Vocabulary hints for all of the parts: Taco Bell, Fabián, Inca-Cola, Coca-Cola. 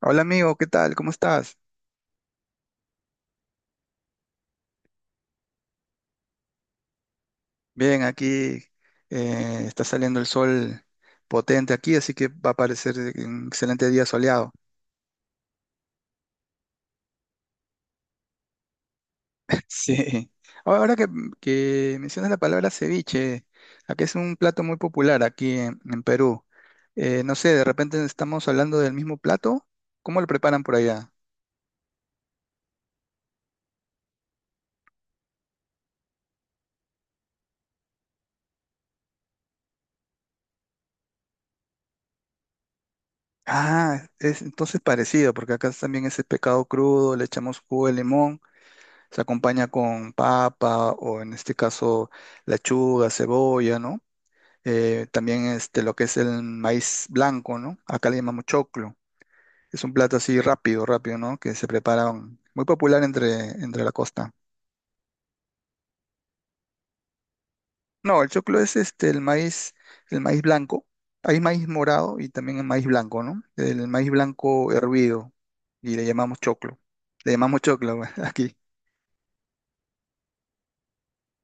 Hola amigo, ¿qué tal? ¿Cómo estás? Bien, aquí está saliendo el sol potente aquí, así que va a parecer un excelente día soleado. Sí. Ahora que mencionas la palabra ceviche, aquí es un plato muy popular aquí en Perú. No sé, de repente estamos hablando del mismo plato. ¿Cómo lo preparan por allá? Ah, es entonces parecido, porque acá también es el pescado crudo, le echamos jugo de limón. Se acompaña con papa o en este caso lechuga, cebolla, ¿no? También este, lo que es el maíz blanco, ¿no? Acá le llamamos choclo. Es un plato así rápido, rápido, ¿no? Que se prepara muy popular entre la costa. No, el choclo es este, el maíz blanco. Hay maíz morado y también el maíz blanco, ¿no? El maíz blanco hervido y le llamamos choclo. Le llamamos choclo aquí.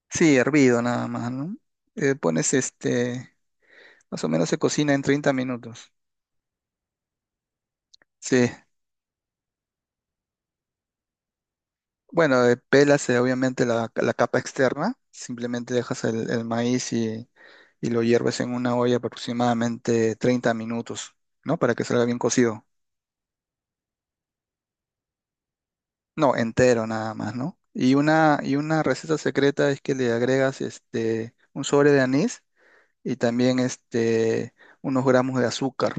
Sí, hervido nada más, ¿no? Pones este más o menos se cocina en 30 minutos. Sí. Bueno, pelas obviamente la capa externa. Simplemente dejas el maíz y lo hierves en una olla aproximadamente 30 minutos, ¿no? Para que salga bien cocido. No, entero nada más, ¿no? Y una receta secreta es que le agregas este, un sobre de anís y también este, unos gramos de azúcar.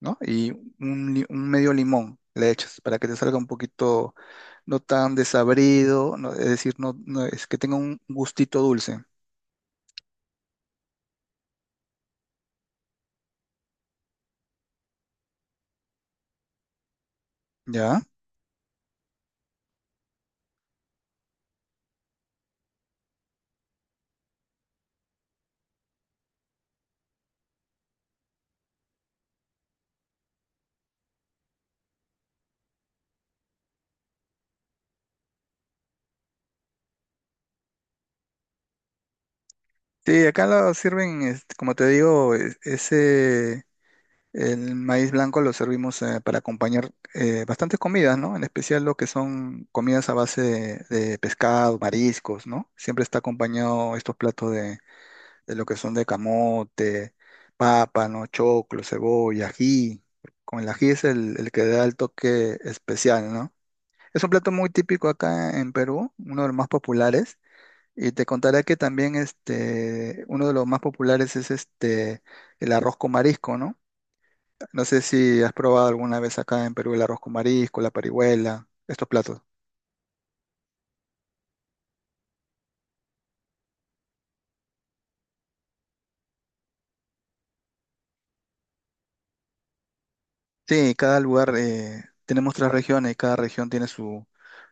¿No? Y un medio limón le echas para que te salga un poquito no tan desabrido, es decir, es que tenga un gustito dulce, ¿ya? Sí, acá lo sirven, este, como te digo, ese, el maíz blanco lo servimos para acompañar bastantes comidas, ¿no? En especial lo que son comidas a base de pescado, mariscos, ¿no? Siempre está acompañado estos platos de lo que son de camote, papa, ¿no? Choclo, cebolla, ají. Con el ají es el que da el toque especial, ¿no? Es un plato muy típico acá en Perú, uno de los más populares. Y te contaré que también este, uno de los más populares es este, el arroz con marisco, ¿no? No sé si has probado alguna vez acá en Perú el arroz con marisco, la parihuela, estos platos. Sí, cada lugar, tenemos tres regiones y cada región tiene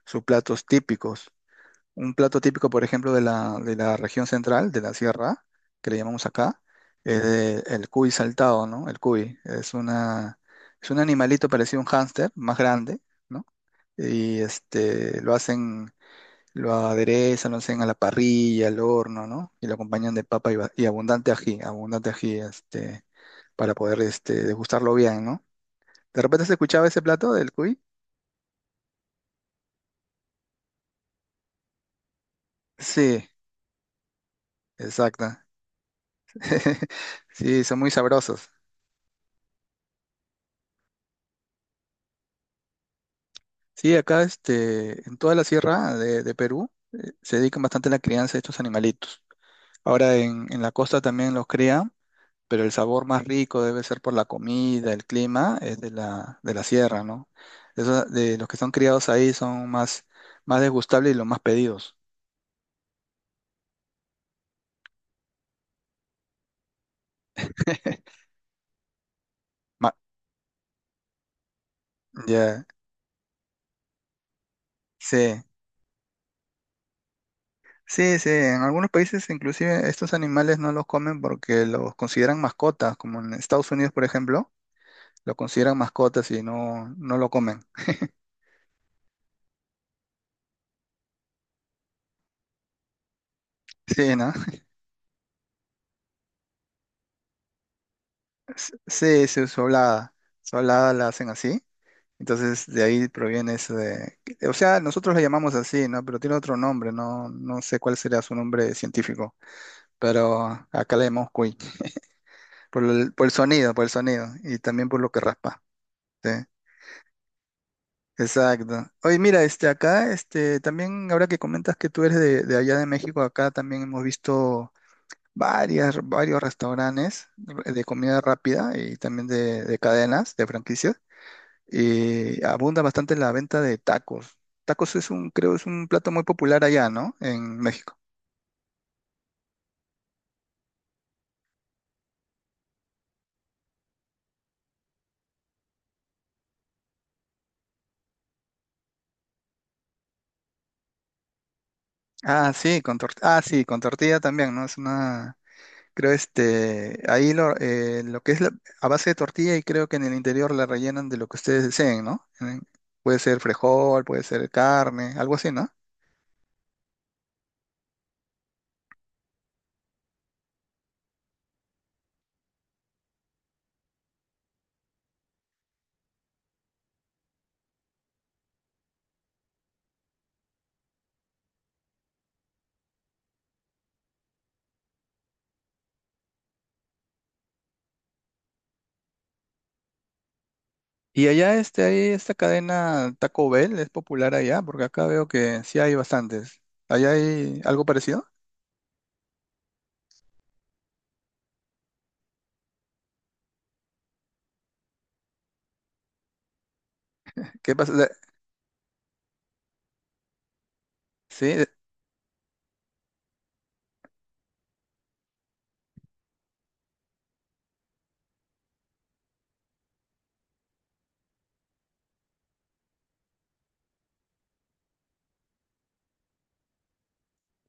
sus platos típicos. Un plato típico, por ejemplo, de de la región central, de la sierra, que le llamamos acá, el cuy saltado, ¿no? El cuy es un animalito parecido a un hámster, más grande, ¿no? Y este, lo hacen, lo aderezan, lo hacen a la parrilla, al horno, ¿no? Y lo acompañan de papa y abundante ají, este, para poder, este, degustarlo bien, ¿no? ¿De repente se escuchaba ese plato del cuy? Sí, exacto. Sí, son muy sabrosos. Sí, acá este, en toda la sierra de Perú se dedican bastante a la crianza de estos animalitos. Ahora en la costa también los crían, pero el sabor más rico debe ser por la comida, el clima, es de de la sierra, ¿no? De los que son criados ahí son más, más degustables y los más pedidos. Ma- Ya, sí, sí, sí. En algunos países inclusive estos animales no los comen porque los consideran mascotas, como en Estados Unidos, por ejemplo, lo consideran mascotas y no, no lo comen. Sí, ¿no? Sí, sí, su hablada. Su hablada la hacen así. Entonces, de ahí proviene eso de... O sea, nosotros la llamamos así, ¿no? Pero tiene otro nombre, no, no sé cuál sería su nombre científico. Pero acá la llamamos cuy. Por el sonido, por el sonido. Y también por lo que raspa. Sí, exacto. Oye, mira, este, acá, este, también ahora que comentas que tú eres de allá de México, acá también hemos visto varios restaurantes de comida rápida y también de cadenas, de franquicias abunda bastante en la venta de tacos. Tacos es un, creo, es un plato muy popular allá, ¿no? En México. Ah, sí, ah, sí, con tortilla también, ¿no? Es una, creo, este, ahí lo que es a base de tortilla y creo que en el interior la rellenan de lo que ustedes deseen, ¿no? Puede ser frijol, puede ser carne, algo así, ¿no? Y allá, este, ahí esta cadena Taco Bell es popular allá, porque acá veo que sí hay bastantes. ¿Allá hay algo parecido? ¿Qué pasa? Sí,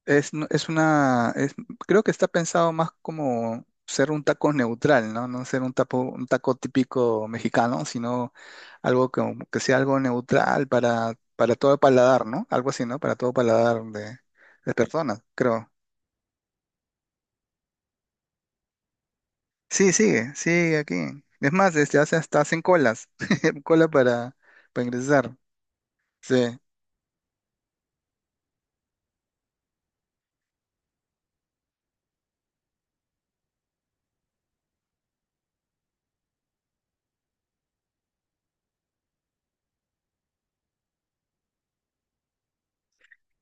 Es, no- es una, creo que está pensado más como ser un taco neutral, ¿no? No ser un taco típico mexicano, sino algo que sea algo neutral para todo paladar, ¿no? Algo así, ¿no? Para todo paladar de personas, creo. Sí, sigue, sigue aquí. Es más, este, hace, hasta hacen colas, cola para, para ingresar. Sí.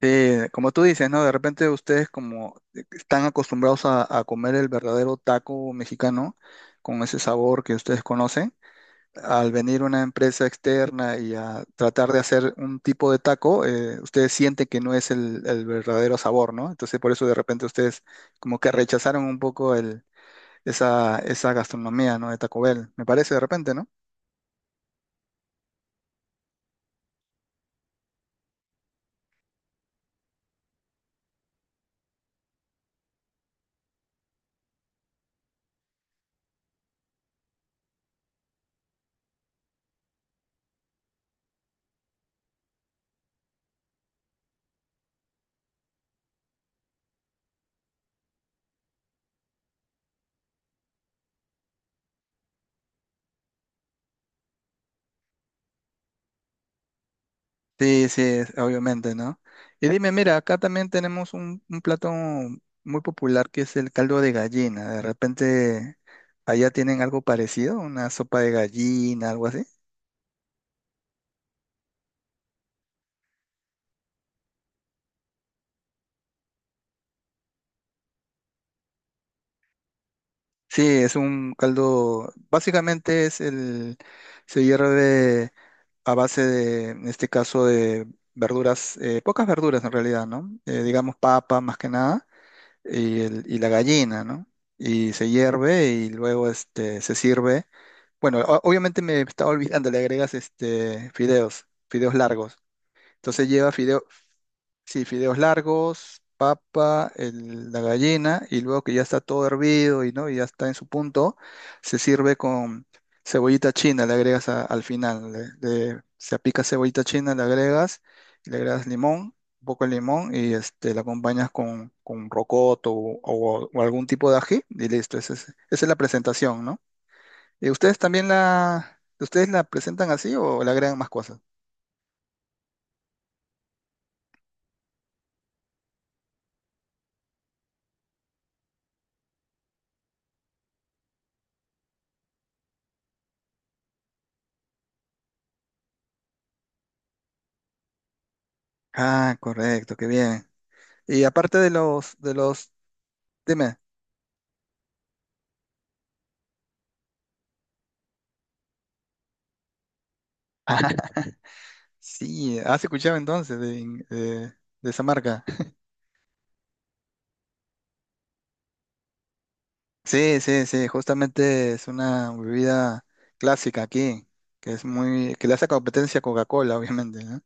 Sí, como tú dices, ¿no? De repente ustedes como e, están acostumbrados a comer el verdadero taco mexicano con ese sabor que ustedes conocen. Al venir una empresa externa y a tratar de hacer un tipo de taco, ustedes sienten que no es el verdadero sabor, ¿no? Entonces por eso de repente ustedes como que rechazaron un poco esa, esa gastronomía, ¿no? De Taco Bell, me parece de repente, ¿no? Sí, sí, obviamente, ¿no? Y dime, mira, acá también tenemos un plato muy popular que es el caldo de gallina. De repente, allá tienen algo parecido, una sopa de gallina, algo así. Sí, es un caldo, básicamente es el, se hierve a base de, en este caso, de verduras, pocas verduras en realidad, ¿no? Digamos papa más que nada y, y la gallina, ¿no? Y se hierve y luego este, se sirve. Bueno, obviamente me estaba olvidando, le agregas este fideos, fideos largos. Entonces lleva fideo, sí, fideos largos, papa, la gallina, y luego que ya está todo hervido y no, y ya está en su punto, se sirve con cebollita china, le agregas al final. Se apica cebollita china, le agregas limón, un poco de limón, y este la acompañas con rocoto o, o algún tipo de ají, y listo, esa es la presentación, ¿no? ¿Y ustedes también ustedes la presentan así o le agregan más cosas? Ah, correcto, qué bien. Y aparte de los, dime. Ah, sí, has escuchado entonces de, de esa marca. Sí, sí, sí, justamente es una bebida clásica aquí, que es muy, que le hace competencia a Coca-Cola, obviamente, ¿no?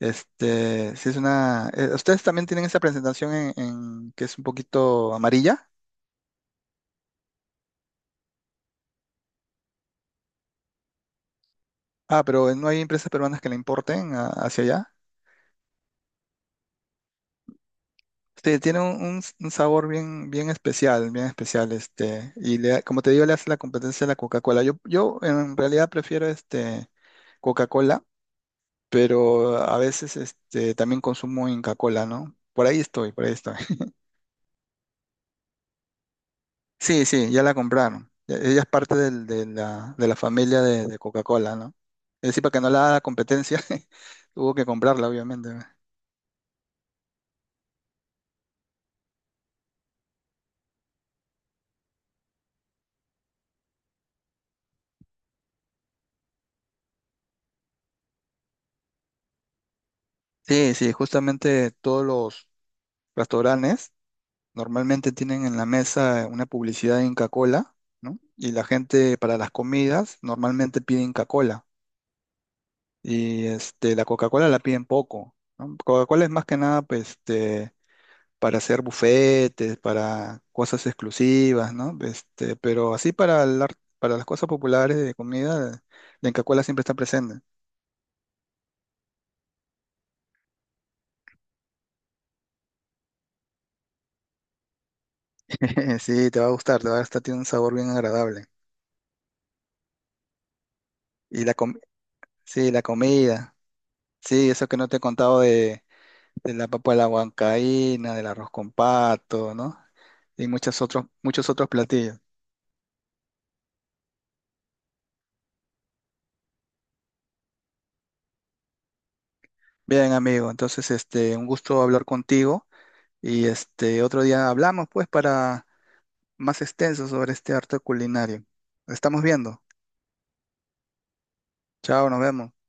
Este, sí es una, ustedes también tienen esa presentación en, que es un poquito amarilla. Ah, pero no hay empresas peruanas que la importen hacia allá. Sí, tiene un, un sabor bien, bien especial, este, y le, como te digo, le hace la competencia a la Coca-Cola. Yo en realidad prefiero este Coca-Cola, pero a veces este también consumo Inca-Cola, ¿no? Por ahí estoy, por ahí estoy. Sí, sí, ya la compraron. Ella es parte de de la familia de Coca-Cola, ¿no? Es decir, para que no la haga competencia, tuvo que comprarla, obviamente. ¿No? Sí, sí, justamente todos los restaurantes normalmente tienen en la mesa una publicidad de Inca-Cola, ¿no? Y la gente para las comidas normalmente pide Inca-Cola. Y este, la Coca-Cola la piden poco, ¿no? Coca-Cola es más que nada pues, este, para hacer bufetes, para cosas exclusivas, ¿no? Este, pero así para, para las cosas populares de comida, la Inca-Cola siempre está presente. Sí, te va a gustar, te va a gustar, tiene un sabor bien agradable. Y la com- sí, la comida. Sí, eso que no te he contado de la papa a la huancaína, del arroz con pato, ¿no? Y muchos otros platillos. Bien, amigo, entonces este, un gusto hablar contigo y este otro día hablamos pues para más extenso sobre este arte culinario. Estamos viendo. Chao, nos vemos.